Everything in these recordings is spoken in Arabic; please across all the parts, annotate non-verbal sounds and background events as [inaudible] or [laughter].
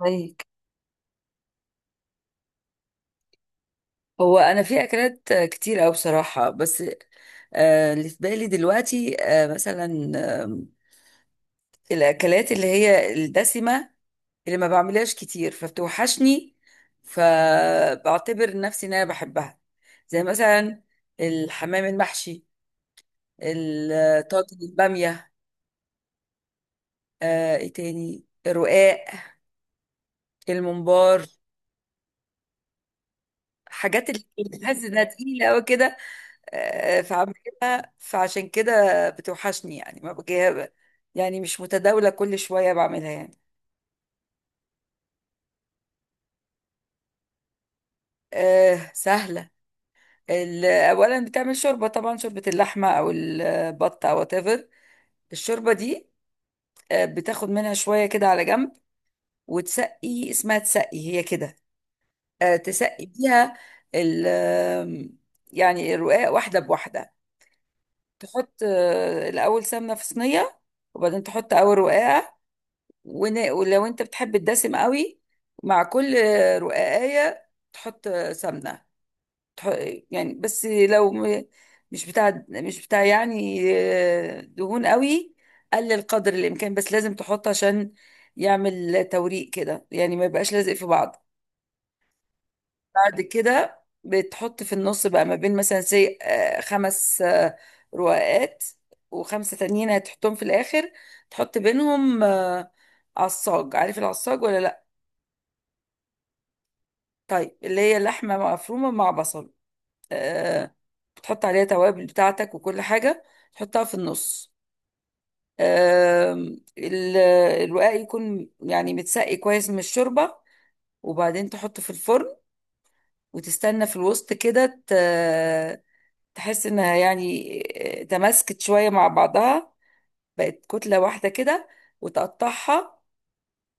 طيب. هو انا في اكلات كتير قوي بصراحه. بس اللي في بالي دلوقتي مثلا الاكلات اللي هي الدسمه اللي ما بعملهاش كتير فبتوحشني، فبعتبر نفسي ان انا بحبها. زي مثلا الحمام المحشي، الطاجن، الباميه. ايه تاني؟ الرقاق، الممبار، حاجات اللي بتحس انها تقيله قوي كده. فعم كده، فعشان كده بتوحشني، يعني ما بجيها، يعني مش متداولة، كل شوية بعملها يعني. سهلة. أولا بتعمل شوربة، طبعا شوربة اللحمة أو البط أو whatever. الشوربة دي بتاخد منها شوية كده على جنب، وتسقي، اسمها تسقي هي كده، تسقي بيها ال آم، يعني الرقاق واحدة بواحدة. تحط الأول سمنة في صينية، وبعدين تحط أول رقاقة. ولو انت بتحب الدسم قوي، مع كل رقاقية تحط سمنة. تح- يعني بس لو مش بتاع يعني دهون قوي، قلل قدر الإمكان. بس لازم تحط عشان يعمل توريق كده، يعني ما يبقاش لازق في بعض. بعد كده بتحط في النص بقى ما بين مثلا خمس رقاقات، وخمسة تانيين هتحطهم في الآخر. تحط بينهم عصاج. عارف العصاج ولا لأ؟ طيب، اللي هي اللحمة مفرومة مع بصل. آه بتحط عليها توابل بتاعتك وكل حاجة، تحطها في النص. آه الوعاء يكون يعني متسقي كويس من الشوربة، وبعدين تحطه في الفرن، وتستنى في الوسط كده. تحس انها يعني تماسكت شوية مع بعضها، بقت كتلة واحدة كده، وتقطعها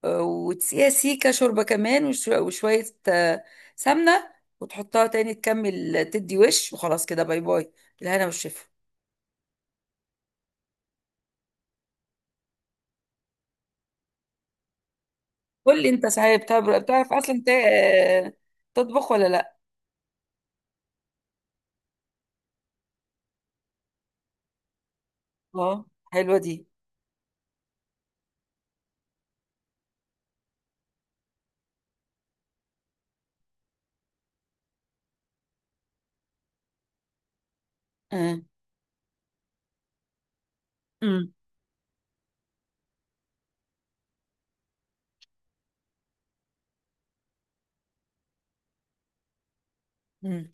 وتسقيها سيكة شوربة كمان، وشوية سمنة، وتحطها تاني تكمل. تدي وش وخلاص كده، باي باي، الهنا والشفا. قول لي انت، صحيح، بتعرف اصلا آه، تطبخ ولا لا؟ اه، حلوة دي. اه. امم. امم.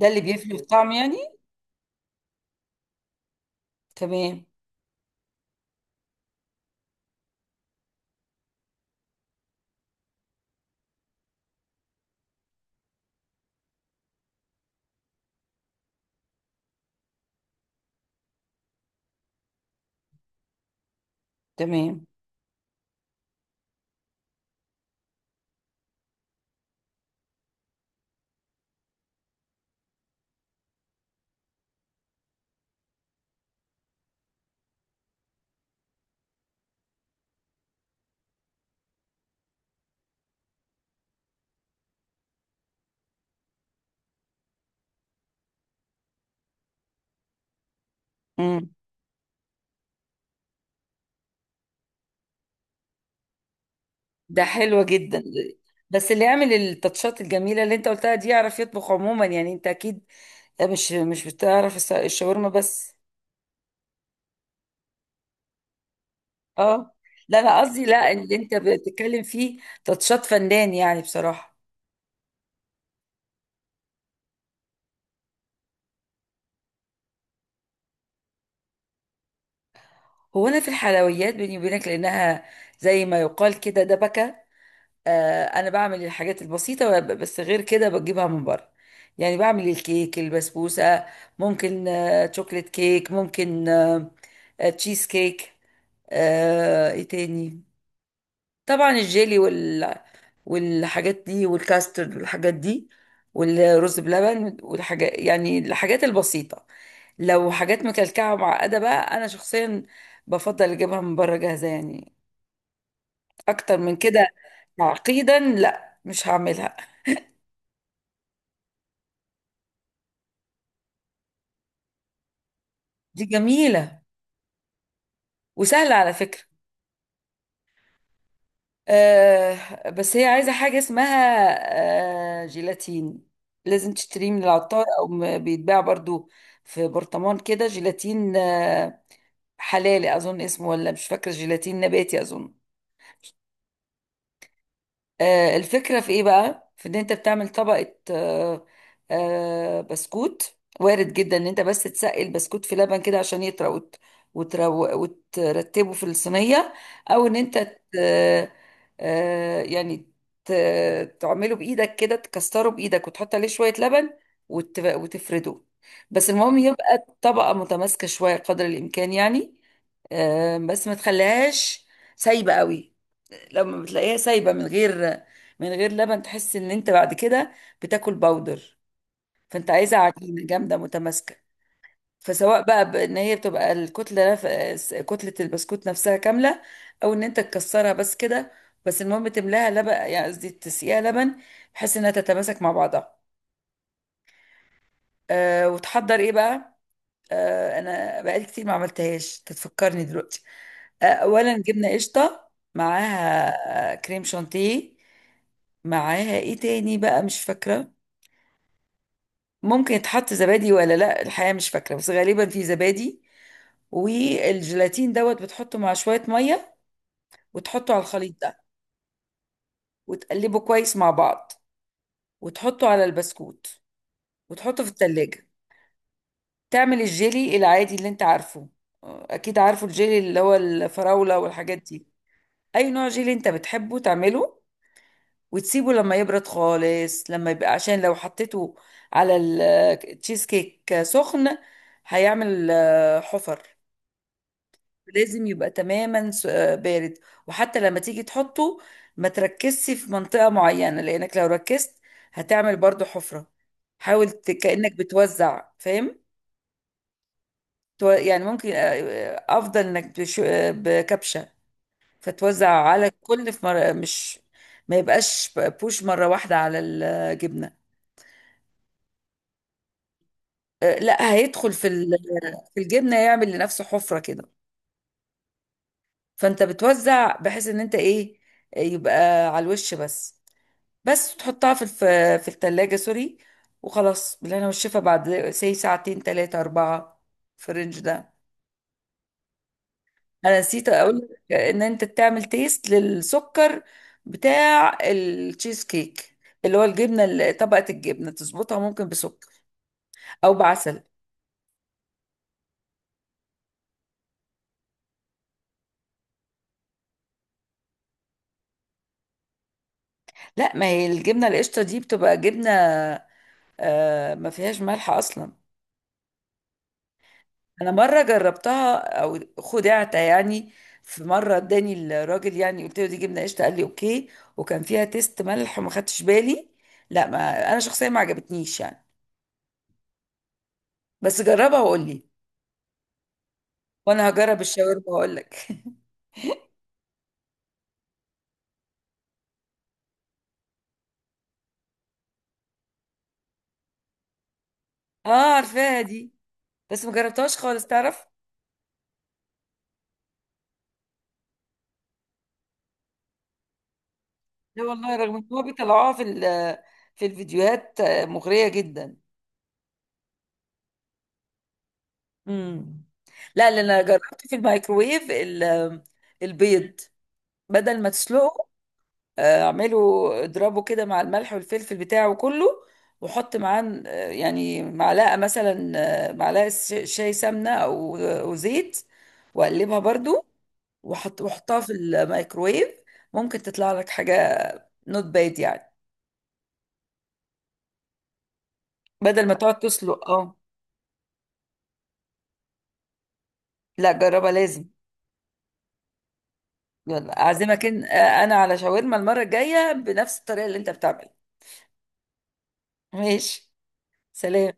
ده اللي بيفرق في الطعم يعني. تمام. تمام. امم. ده حلوة جدا. بس اللي يعمل التاتشات الجميلة اللي انت قلتها دي يعرف يطبخ عموما، يعني انت اكيد مش بتعرف الشاورما بس. اه، لا انا قصدي، لا، اللي انت بتتكلم فيه تاتشات فنان يعني بصراحه. هو انا في الحلويات، بيني وبينك، لانها زي ما يقال كده دبكه. انا بعمل الحاجات البسيطه، بس غير كده بجيبها من بره. يعني بعمل الكيك، البسبوسه، ممكن شوكليت كيك، ممكن تشيز كيك. ايه تاني؟ طبعا الجيلي والحاجات دي، والكاسترد والحاجات دي، والرز بلبن والحاجات، يعني الحاجات البسيطة. لو حاجات مكلكعة ومعقدة بقى، أنا شخصيا بفضل أجيبها من بره جاهزة يعني. أكتر من كده تعقيدا، لا، مش هعملها. دي جميلة وسهلة على فكرة. بس هي عايزة حاجة اسمها جيلاتين، لازم تشتريه من العطار أو بيتباع برضو في برطمان كده، جيلاتين حلالي اظن اسمه، ولا مش فاكره، جيلاتين نباتي اظن. الفكرة في ايه بقى؟ في ان انت بتعمل طبقة بسكوت. وارد جدا ان انت بس تسقي البسكوت في لبن كده عشان يطرى، وترتبه في الصينية، او ان انت يعني ت... تعمله بايدك كده، تكسره بايدك وتحط عليه شوية لبن وتفرده. بس المهم يبقى الطبقة متماسكة شوية قدر الامكان يعني، بس ما تخليهاش سايبة قوي. لما بتلاقيها سايبه من غير، من غير لبن، تحس ان انت بعد كده بتاكل باودر. فانت عايزه عجينه جامده متماسكه. فسواء بقى بان هي بتبقى الكتله كتله البسكوت نفسها كامله، او ان انت تكسرها بس كده، بس المهم تملاها لبن، يعني قصدي تسقيها لبن، بحيث انها تتماسك مع بعضها. وتحضر ايه بقى؟ انا بقالي كتير ما عملتهاش، تتفكرني دلوقتي. اولا جبنه قشطه، معاها كريم شانتيه، معاها ايه تاني بقى؟ مش فاكره. ممكن يتحط زبادي ولا لا، الحقيقه مش فاكره، بس غالبا في زبادي. والجيلاتين دوت بتحطه مع شويه ميه، وتحطه على الخليط ده، وتقلبه كويس مع بعض، وتحطه على البسكوت، وتحطه في التلاجة. تعمل الجيلي العادي اللي انت عارفه. اكيد عارفه الجيلي، اللي هو الفراولة والحاجات دي. اي نوع جيلي انت بتحبه تعمله، وتسيبه لما يبرد خالص، لما يبقى، عشان لو حطيته على التشيز كيك سخن، هيعمل حفر. لازم يبقى تماما بارد. وحتى لما تيجي تحطه، ما تركزش في منطقة معينة، لانك لو ركزت هتعمل برضو حفرة. حاول كأنك بتوزع، فاهم؟ يعني ممكن افضل انك بكبشة، فتوزع على الكل في مرة، مش ما يبقاش بوش مرة واحدة على الجبنة. لا، هيدخل في في الجبنة، يعمل لنفسه حفرة كده. فانت بتوزع بحيث ان انت ايه؟ يبقى على الوش بس، بس تحطها في في التلاجة، سوري. وخلاص، بالهنا والشفا بعد ساعتين تلاتة أربعة، في الرينج ده. انا نسيت اقول لك ان انت تعمل تيست للسكر بتاع التشيز كيك، اللي هو الجبنه، طبقه الجبنه تظبطها ممكن بسكر او بعسل. لا ما هي الجبنه القشطه دي بتبقى جبنه، ما فيهاش ملح اصلا. انا مره جربتها، او خدعت يعني. في مره اداني الراجل، يعني قلت له دي جبنه قشطه قال لي اوكي، وكان فيها تيست ملح وما خدتش بالي. لا، ما انا شخصيا ما عجبتنيش يعني. بس جربها وقول لي، وانا هجرب الشاورما واقول لك. [laughs] اه، عارفاها دي، بس ما جربتهاش خالص، تعرف. لا والله، رغم ان هو بيطلعوها في في الفيديوهات مغرية جدا. امم. لا لا، انا جربت في الميكروويف البيض، بدل ما تسلقه اعمله. اضربه كده مع الملح والفلفل بتاعه كله، وحط معاه يعني معلقة مثلا، معلقة شاي سمنة او زيت، واقلبها برضو، وحطها في الميكروويف. ممكن تطلع لك حاجة نوت باد يعني، بدل ما تقعد تسلق. اه. لا، جربها لازم. يلا، اعزمك انا على شاورما المره الجايه بنفس الطريقه اللي انت بتعملها. ماشي. سلام.